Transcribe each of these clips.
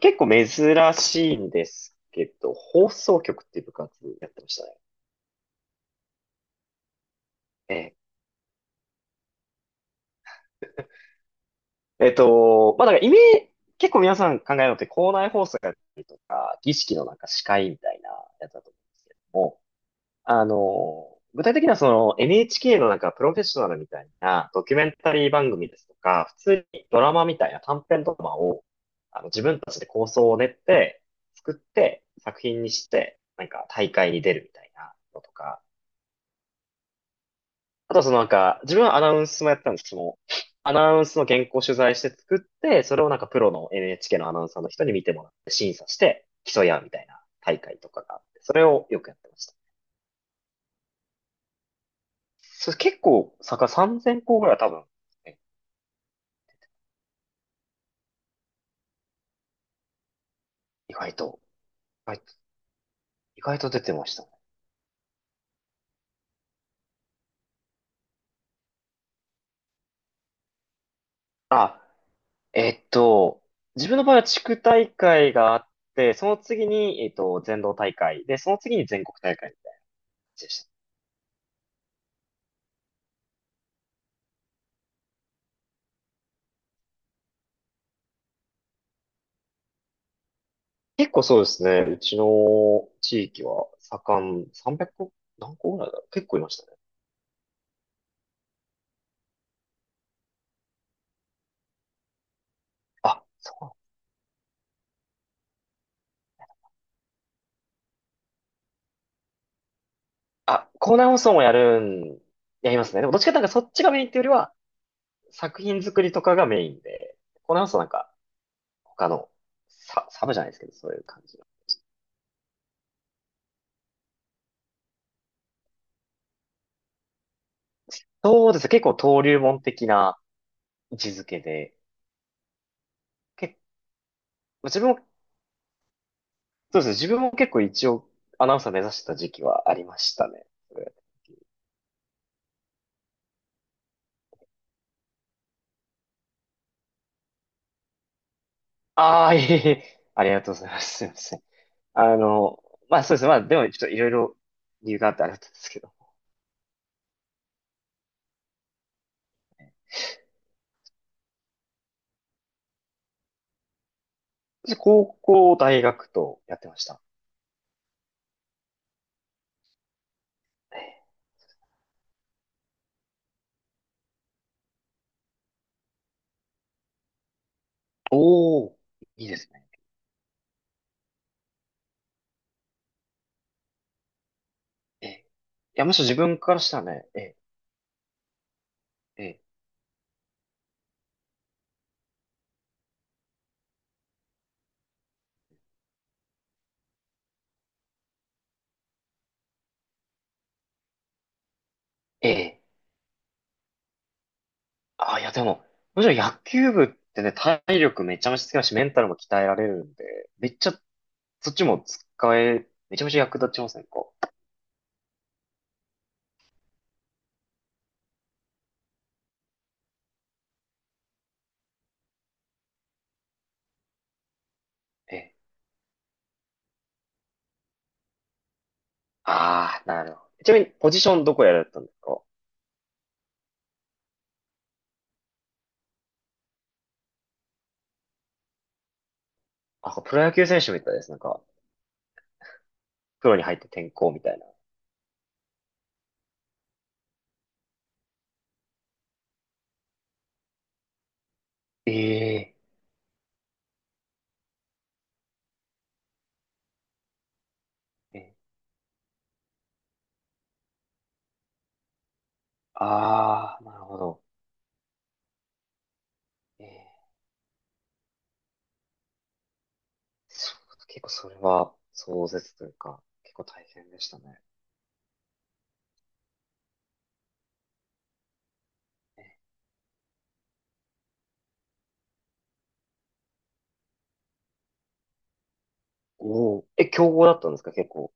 結構珍しいんですけど、放送局っていう部活やってましたね。えええっと、まあ、だからイメージ、結構皆さん考えるのって校内放送やったりとか、儀式のなんか司会みたいなやつだと思うんですけども、具体的にはその NHK のなんかプロフェッショナルみたいなドキュメンタリー番組ですとか、普通にドラマみたいな短編ドラマを、自分たちで構想を練って、作って、作品にして、なんか大会に出るみたいなのとか、あとはそのなんか、自分はアナウンスもやってたんですけども、アナウンスの原稿を取材して作って、それをなんかプロの NHK のアナウンサーの人に見てもらって審査して競い合うみたいな大会とかがあって、それをよくやってました。それ結構、坂3,000校ぐらいは多分、え意外と、意外と、意外と出てましたね。あ、えっと、自分の場合は地区大会があって、その次に、全道大会で、その次に全国大会みたいな感じでした。結構そうですね。うちの地域は盛ん、300何個ぐらいだろう。結構いましたね。あ、そう。あ、校内放送もやるん、やりますね。でもどっちかというとなんかそっちがメインっていうよりは、作品作りとかがメインで、校内放送なんか他のサブじゃないですけど、そういう感じの。そうですね。結構登竜門的な位置づけで、け、自分も、そうですね。自分も結構一応アナウンサー目指してた時期はありましたね。いえいえ、ありがとうございます。すいません。あの、そうですね。まあでもちょっといろいろ理由があってあれだったんですけど。私、高校、大学とやってました。ええ。おー、いいですね。ええ。いや、むしろ自分からしたらね、ええ。ええ。ええ。いやでも、むしろ野球部ってね、体力めちゃめちゃつきますし、メンタルも鍛えられるんで、めっちゃ、そっちも使え、めちゃめちゃ役立ちませんか？ええ。ああ、なるほど。ちなみに、ポジションどこやられたんですか？あ、プロ野球選手みたいです。なんか、プロに入って転校みたいな。え。ええ、ああ、なるほど。えー、そう、結構それは壮絶というか、結構大変でしたね。おお、え、強豪だったんですか、結構。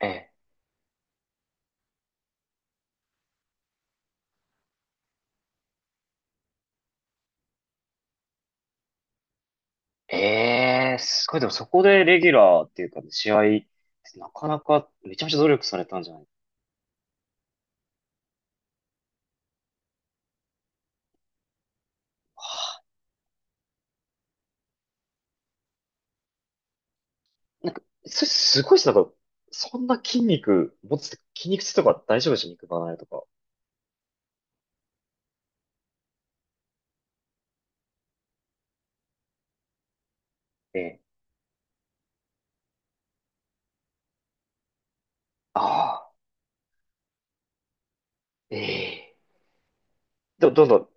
えー、えー、すごい、でもそこでレギュラーっていうか、試合、なかなかめちゃめちゃ努力されたんじゃない？はあ。なんか、それすごいですね。なんか、そんな筋肉持つって、筋肉痛とか大丈夫でしょ？肉離れとか。ええ。ああ、ええ。ど、どんどん。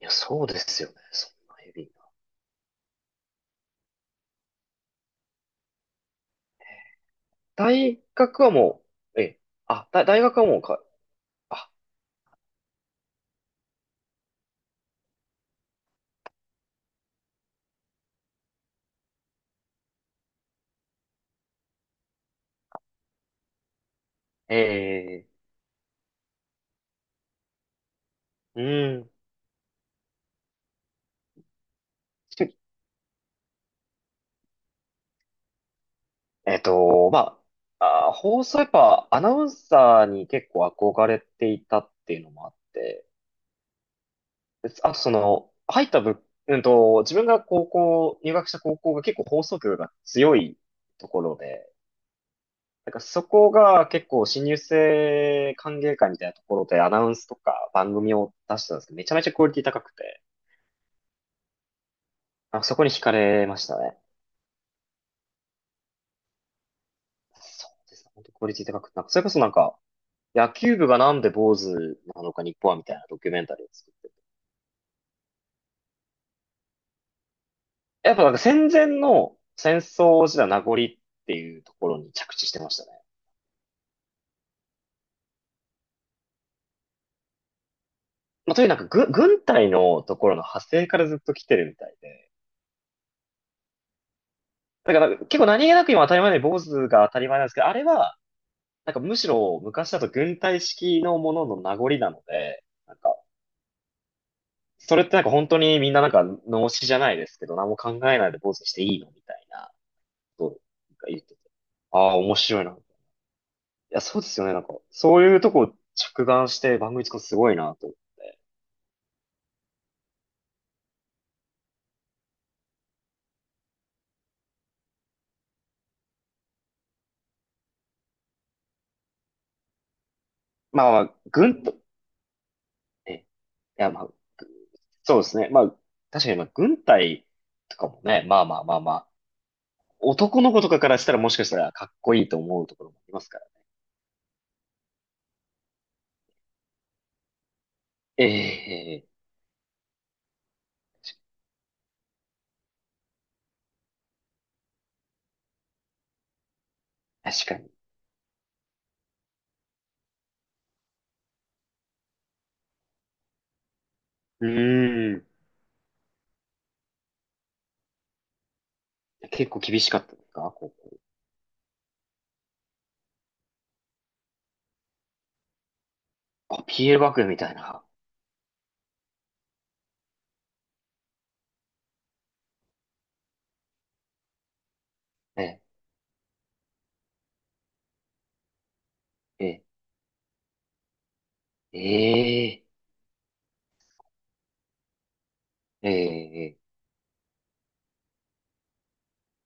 いや、そうですよね。そんなヘビー。大学はもう、え、大学はもうか、あ、えー、うーん、ちえっと、ま放送やっぱアナウンサーに結構憧れていたっていうのもあって、であとその、入った部、うんと、自分が入学した高校が結構放送局が強いところで、なんかそこが結構新入生歓迎会みたいなところでアナウンスとか番組を出してたんですけど、めちゃめちゃクオリティ高くて、あ、そこに惹かれましたね。そうですね。本当クオリティ高くて、なんか、それこそなんか、野球部がなんで坊主なのか日本はみたいなドキュメンタリーを作って。やっぱなんか戦前の戦争時代の名残っていうところに着地してましたね。まあ、というなんか軍隊のところの派生からずっと来てるみたいで。だからなんか結構何気なく今当たり前で坊主が当たり前なんですけど、あれは、なんかむしろ昔だと軍隊式のものの名残なので、なんか、それってなんか本当にみんななんか脳死じゃないですけど、何も考えないで坊主にしていいのみたいな。ことが言ってて。ああ、面白いな。いや、そうですよね。なんか、そういうとこ着眼して番組作るのすごいなと思って。まあまあ、軍と、え、いやまあ、そうですね。まあ、確かにまあ、軍隊とかもね、まあまあまあまあ、男の子とかからしたらもしかしたらかっこいいと思うところもありますから。ええ。確かに。うーん。結構厳しかったですか？こう、あ PL 学園みたいな。ええ、ええ、ええ、ええ。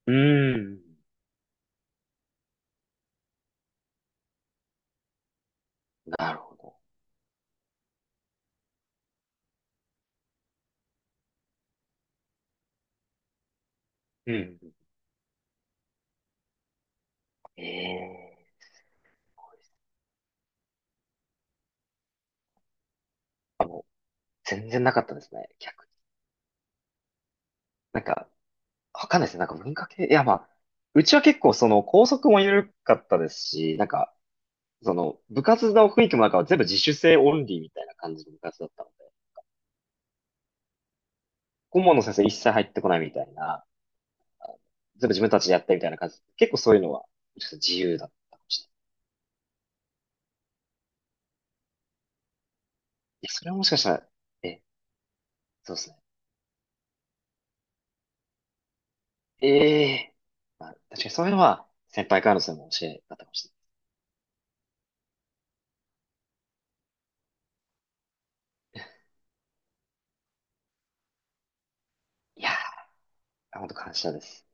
うーん。なるほど。うん。ええ。全然なかったですね。逆に。なんか、わかんないですね。なんか文化系、いやまあ、うちは結構その校則も緩かったですし、なんか、その部活の雰囲気もなんか全部自主性オンリーみたいな感じの部活だったので、顧問の先生一切入ってこないみたいな、あの全部自分たちでやってみたいな感じ。結構そういうのは、ちょっと自由だったかもしれない。いや、それはもしかしたら、え、そうですね。ええ。まあ、確かにそういうのは先輩からのそれ教えだったかもしれない。いやー、本当感謝です。